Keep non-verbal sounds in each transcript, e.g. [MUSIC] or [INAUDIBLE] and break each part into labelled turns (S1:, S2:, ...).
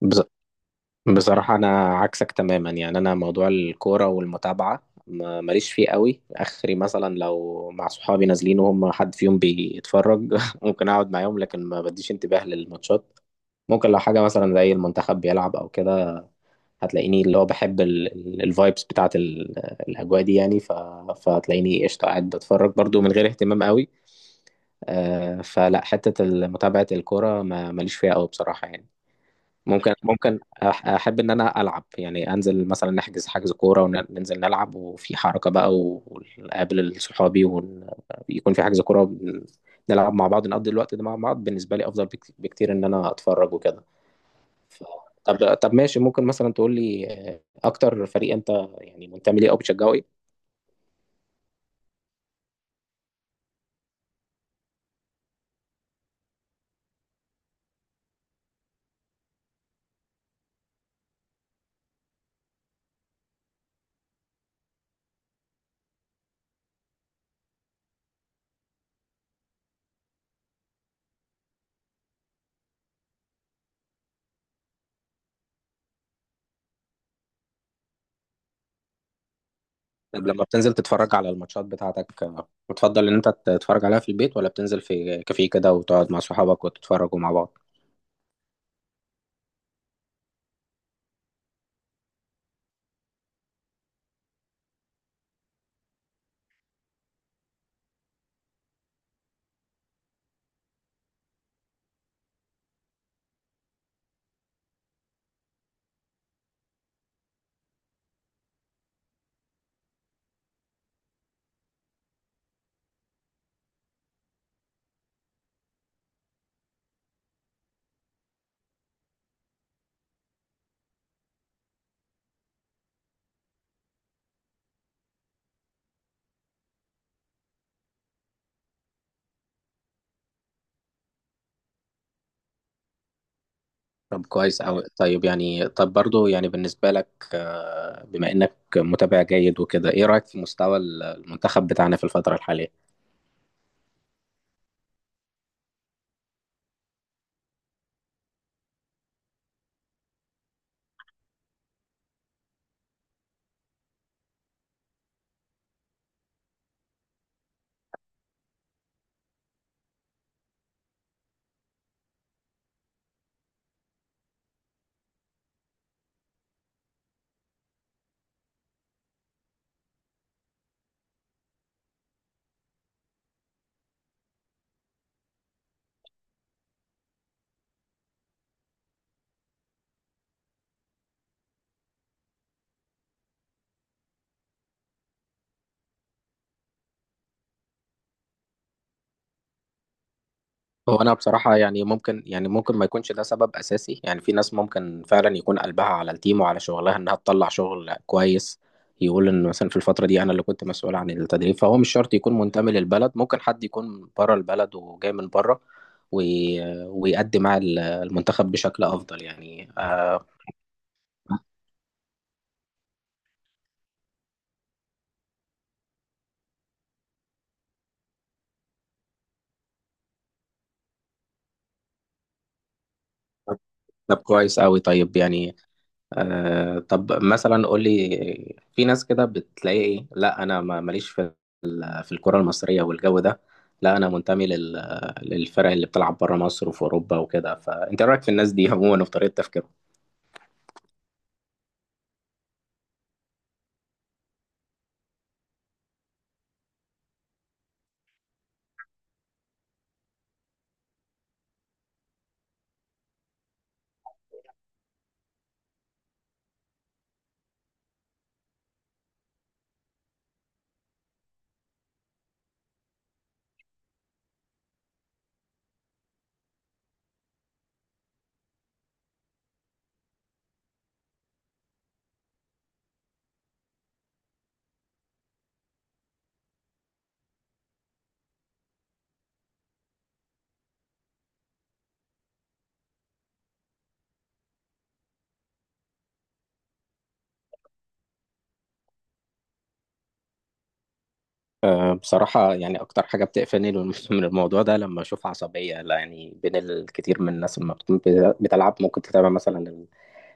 S1: بز- بصراحة أنا عكسك تماما، أنا موضوع الكورة والمتابعة ماليش فيه قوي آخري. مثلا لو مع صحابي نازلين وهم حد فيهم بيتفرج [LAUGHS] ممكن أقعد معاهم، لكن ما بديش انتباه للماتشات. ممكن لو حاجة مثلا زي المنتخب بيلعب أو كده هتلاقيني اللي هو بحب الفايبس بتاعة الأجواء دي، فهتلاقيني قشطة قاعد بتفرج برضو من غير اهتمام قوي. فلا حتة متابعة الكورة ماليش فيها قوي بصراحة يعني. ممكن ممكن أح- احب ان انا العب، يعني انزل مثلا نحجز حجز كوره وننزل نلعب وفي حركه بقى، ونقابل صحابي ويكون في حجز كوره نلعب مع بعض نقضي الوقت ده مع بعض. بالنسبه لي افضل بكتير ان انا اتفرج وكده. ف- طب ماشي، ممكن مثلا تقول لي اكتر فريق انت يعني منتمي ليه او بتشجعه ايه؟ طب لما بتنزل تتفرج على الماتشات بتاعتك بتفضل ان انت تتفرج عليها في البيت، ولا بتنزل في كافيه كده وتقعد مع صحابك وتتفرجوا مع بعض؟ طب كويس أوي. طيب، يعني طب برضو يعني بالنسبة لك، بما إنك متابع جيد وكده، إيه رأيك في مستوى المنتخب بتاعنا في الفترة الحالية؟ هو أنا بصراحة، ممكن ما يكونش ده سبب أساسي. يعني في ناس ممكن فعلا يكون قلبها على التيم وعلى شغلها إنها تطلع شغل كويس. يقول إن مثلا في الفترة دي أنا اللي كنت مسؤول عن التدريب، فهو مش شرط يكون منتمي للبلد. ممكن حد يكون بره البلد وجاي من بره ويأدي مع المنتخب بشكل أفضل، يعني طب كويس أوي. طيب يعني، طب مثلا قول لي، في ناس كده بتلاقي ايه، لا انا ما ماليش في في الكرة المصرية والجو ده، لا انا منتمي للفرق اللي بتلعب بره مصر وفي اوروبا وكده. فانت إيه رايك في الناس دي عموما وفي طريقة تفكيرهم؟ بصراحة يعني اكتر حاجة بتقفلني من [LAUGHS] من الموضوع ده لما اشوف عصبية، لا يعني، بين الكثير من الناس. لما بتكون بتلعب ممكن تتابع مثلا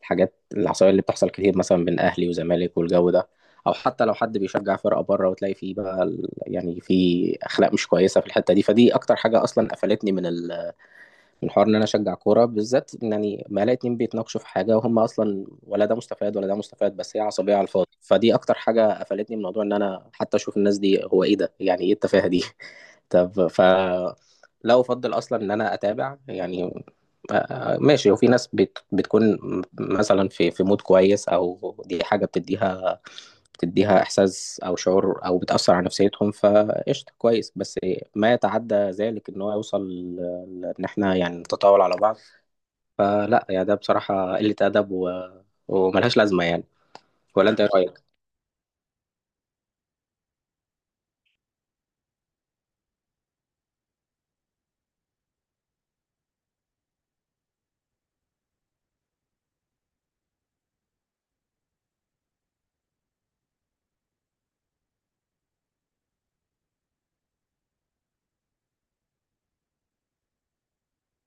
S1: الحاجات العصبية اللي بتحصل كتير مثلا بين أهلي وزمالك والجو ده، أو حتى لو حد بيشجع فرقة بره وتلاقي فيه بقى يعني في أخلاق مش كويسة في الحتة دي. فدي أكتر حاجة أصلا قفلتني من الحوار ان انا اشجع كوره، بالذات إن يعني ما الاقي اتنين بيتناقشوا في حاجه وهم اصلا ولا ده مستفاد ولا ده مستفاد، بس هي عصبيه على الفاضي. فدي اكتر حاجه قفلتني من موضوع ان انا حتى اشوف الناس دي. هو ايه ده، يعني ايه التفاهه دي؟ [LAUGHS] طب ف لا افضل اصلا ان انا اتابع يعني ماشي. وفي ناس بتكون مثلا في في مود كويس، او دي حاجه بتديها بتديها احساس او شعور او بتاثر على نفسيتهم، فقشطه كويس. بس ما يتعدى ذلك ان هو يوصل ان احنا يعني نتطاول على بعض. فلا، يا ده بصراحه قله ادب، و... وملهاش لازمه يعني. ولا انت ايه رايك؟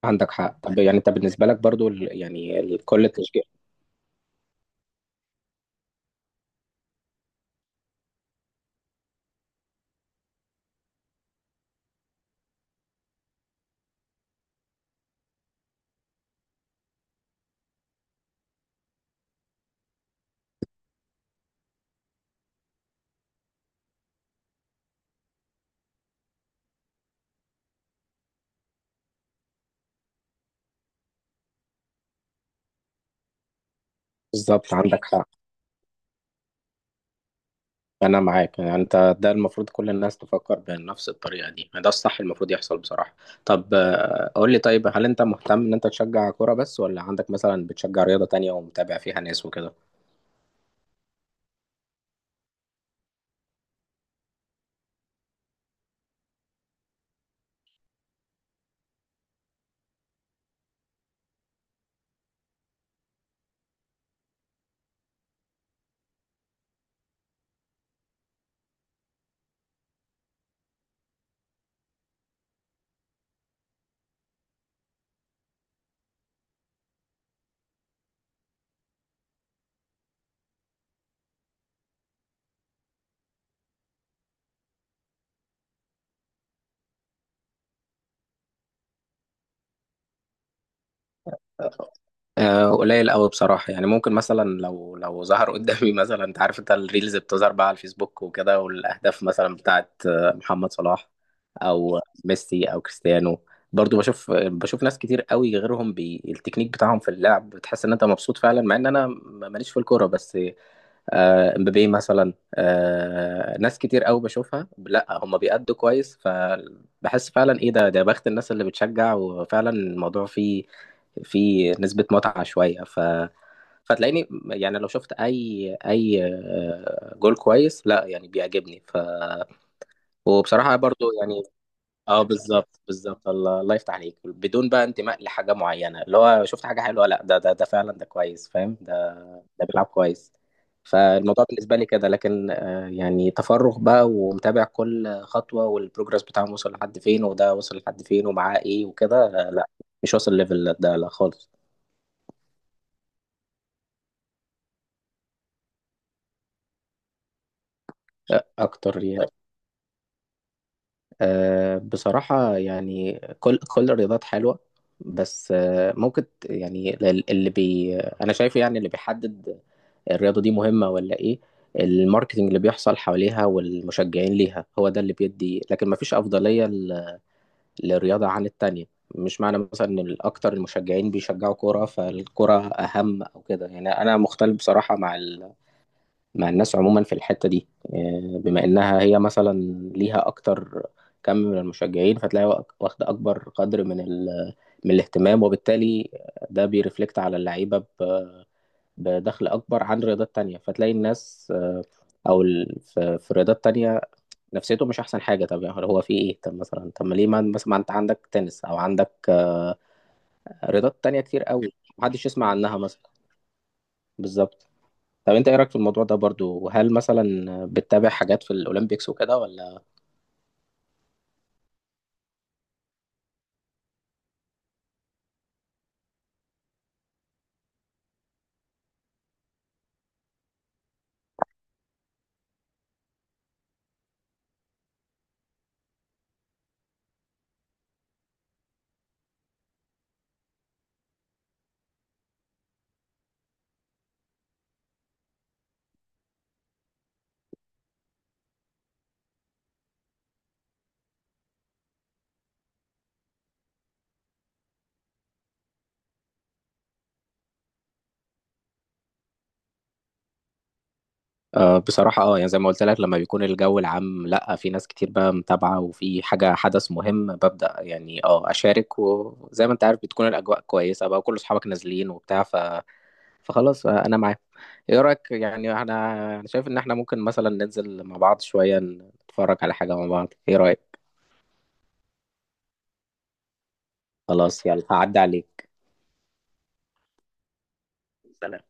S1: عندك حق. طب يعني انت بالنسبه لك برضو، كل التشجيع بالظبط. عندك حق، انا معاك. يعني انت ده المفروض كل الناس تفكر بنفس الطريقه دي، يعني ده الصح المفروض يحصل بصراحه. طب قول لي، طيب هل انت مهتم ان انت تشجع كوره بس، ولا عندك مثلا بتشجع رياضه تانية ومتابع فيها ناس وكده؟ قليل قوي بصراحة يعني. ممكن مثلا لو ظهر قدامي [LAUGHS] مثلا، انت عارف انت الريلز بتظهر بقى على الفيسبوك وكده، والاهداف مثلا بتاعت محمد صلاح او ميسي او كريستيانو. برضو بشوف ناس كتير قوي غيرهم، بالتكنيك بتاعهم في اللعب بتحس ان انت مبسوط فعلا، مع ان انا ماليش في الكورة. بس امبابي مثلا، ناس كتير قوي بشوفها لا هم بيأدوا كويس. فبحس فعلا، ايه ده، ده بخت الناس اللي بتشجع، وفعلا الموضوع فيه فيه نسبة متعة شوية. فتلاقيني يعني لو شفت اي اي آه، جول كويس، لا يعني بيعجبني. وبصراحة برضو يعني، اه بالظبط بالظبط. الله، الله يفتح عليك. بدون بقى انتماء لحاجة معينة، اللي هو شفت حاجة حلوة، لا ده ده ده فعلا ده كويس، فاهم؟ ده بيلعب كويس. فالموضوع بالنسبة لي كده، لكن يعني تفرغ بقى ومتابع كل خطوة والبروجرس بتاعهم وصل لحد فين، وده وصل لحد فين ومعاه ايه وكده، لا، مش واصل ليفل ده لا خالص. آه، اكتر يعني آه، بصراحة يعني كل الرياضات حلوة. بس يعني اللي انا شايفه يعني اللي بيحدد الرياضة دي مهمة ولا ايه، الماركتينج اللي بيحصل حواليها والمشجعين ليها، هو ده اللي بيدي. لكن مفيش أفضلية للرياضة عن التانية. مش معنى مثلا ان الاكتر المشجعين بيشجعوا كورة فالكرة اهم او كده. يعني انا مختلف بصراحة مع مع الناس عموما في الحتة دي. بما انها هي مثلا ليها اكتر كم من المشجعين، فتلاقي واخدة اكبر قدر من من الاهتمام، وبالتالي ده بيرفلكت على اللعيبة بدخل اكبر عن رياضات تانية. فتلاقي الناس في رياضات تانية نفسيته مش احسن حاجة. طب يعني هو في ايه، طب مثلا، طب ما ليه ما مثلا ما انت عندك تنس او عندك رياضات تانية كتير قوي محدش يسمع عنها مثلا، بالظبط. طب انت ايه رايك في الموضوع ده برضو، وهل مثلا بتتابع حاجات في الاولمبيكس وكده ولا؟ بصراحه اه، يعني زي ما قلت لك، لما بيكون الجو العام، لا في ناس كتير بقى متابعه وفي حاجه حدث مهم، ببدا يعني اه اشارك. وزي ما انت عارف بتكون الاجواء كويسه بقى، وكل اصحابك نازلين وبتاع. ف فخلاص آه، انا معاك. ايه رايك، يعني احنا انا شايف ان احنا ممكن مثلا ننزل مع بعض شويه نتفرج على حاجه مع بعض، ايه رايك؟ خلاص، يلا هعدي عليك. سلام.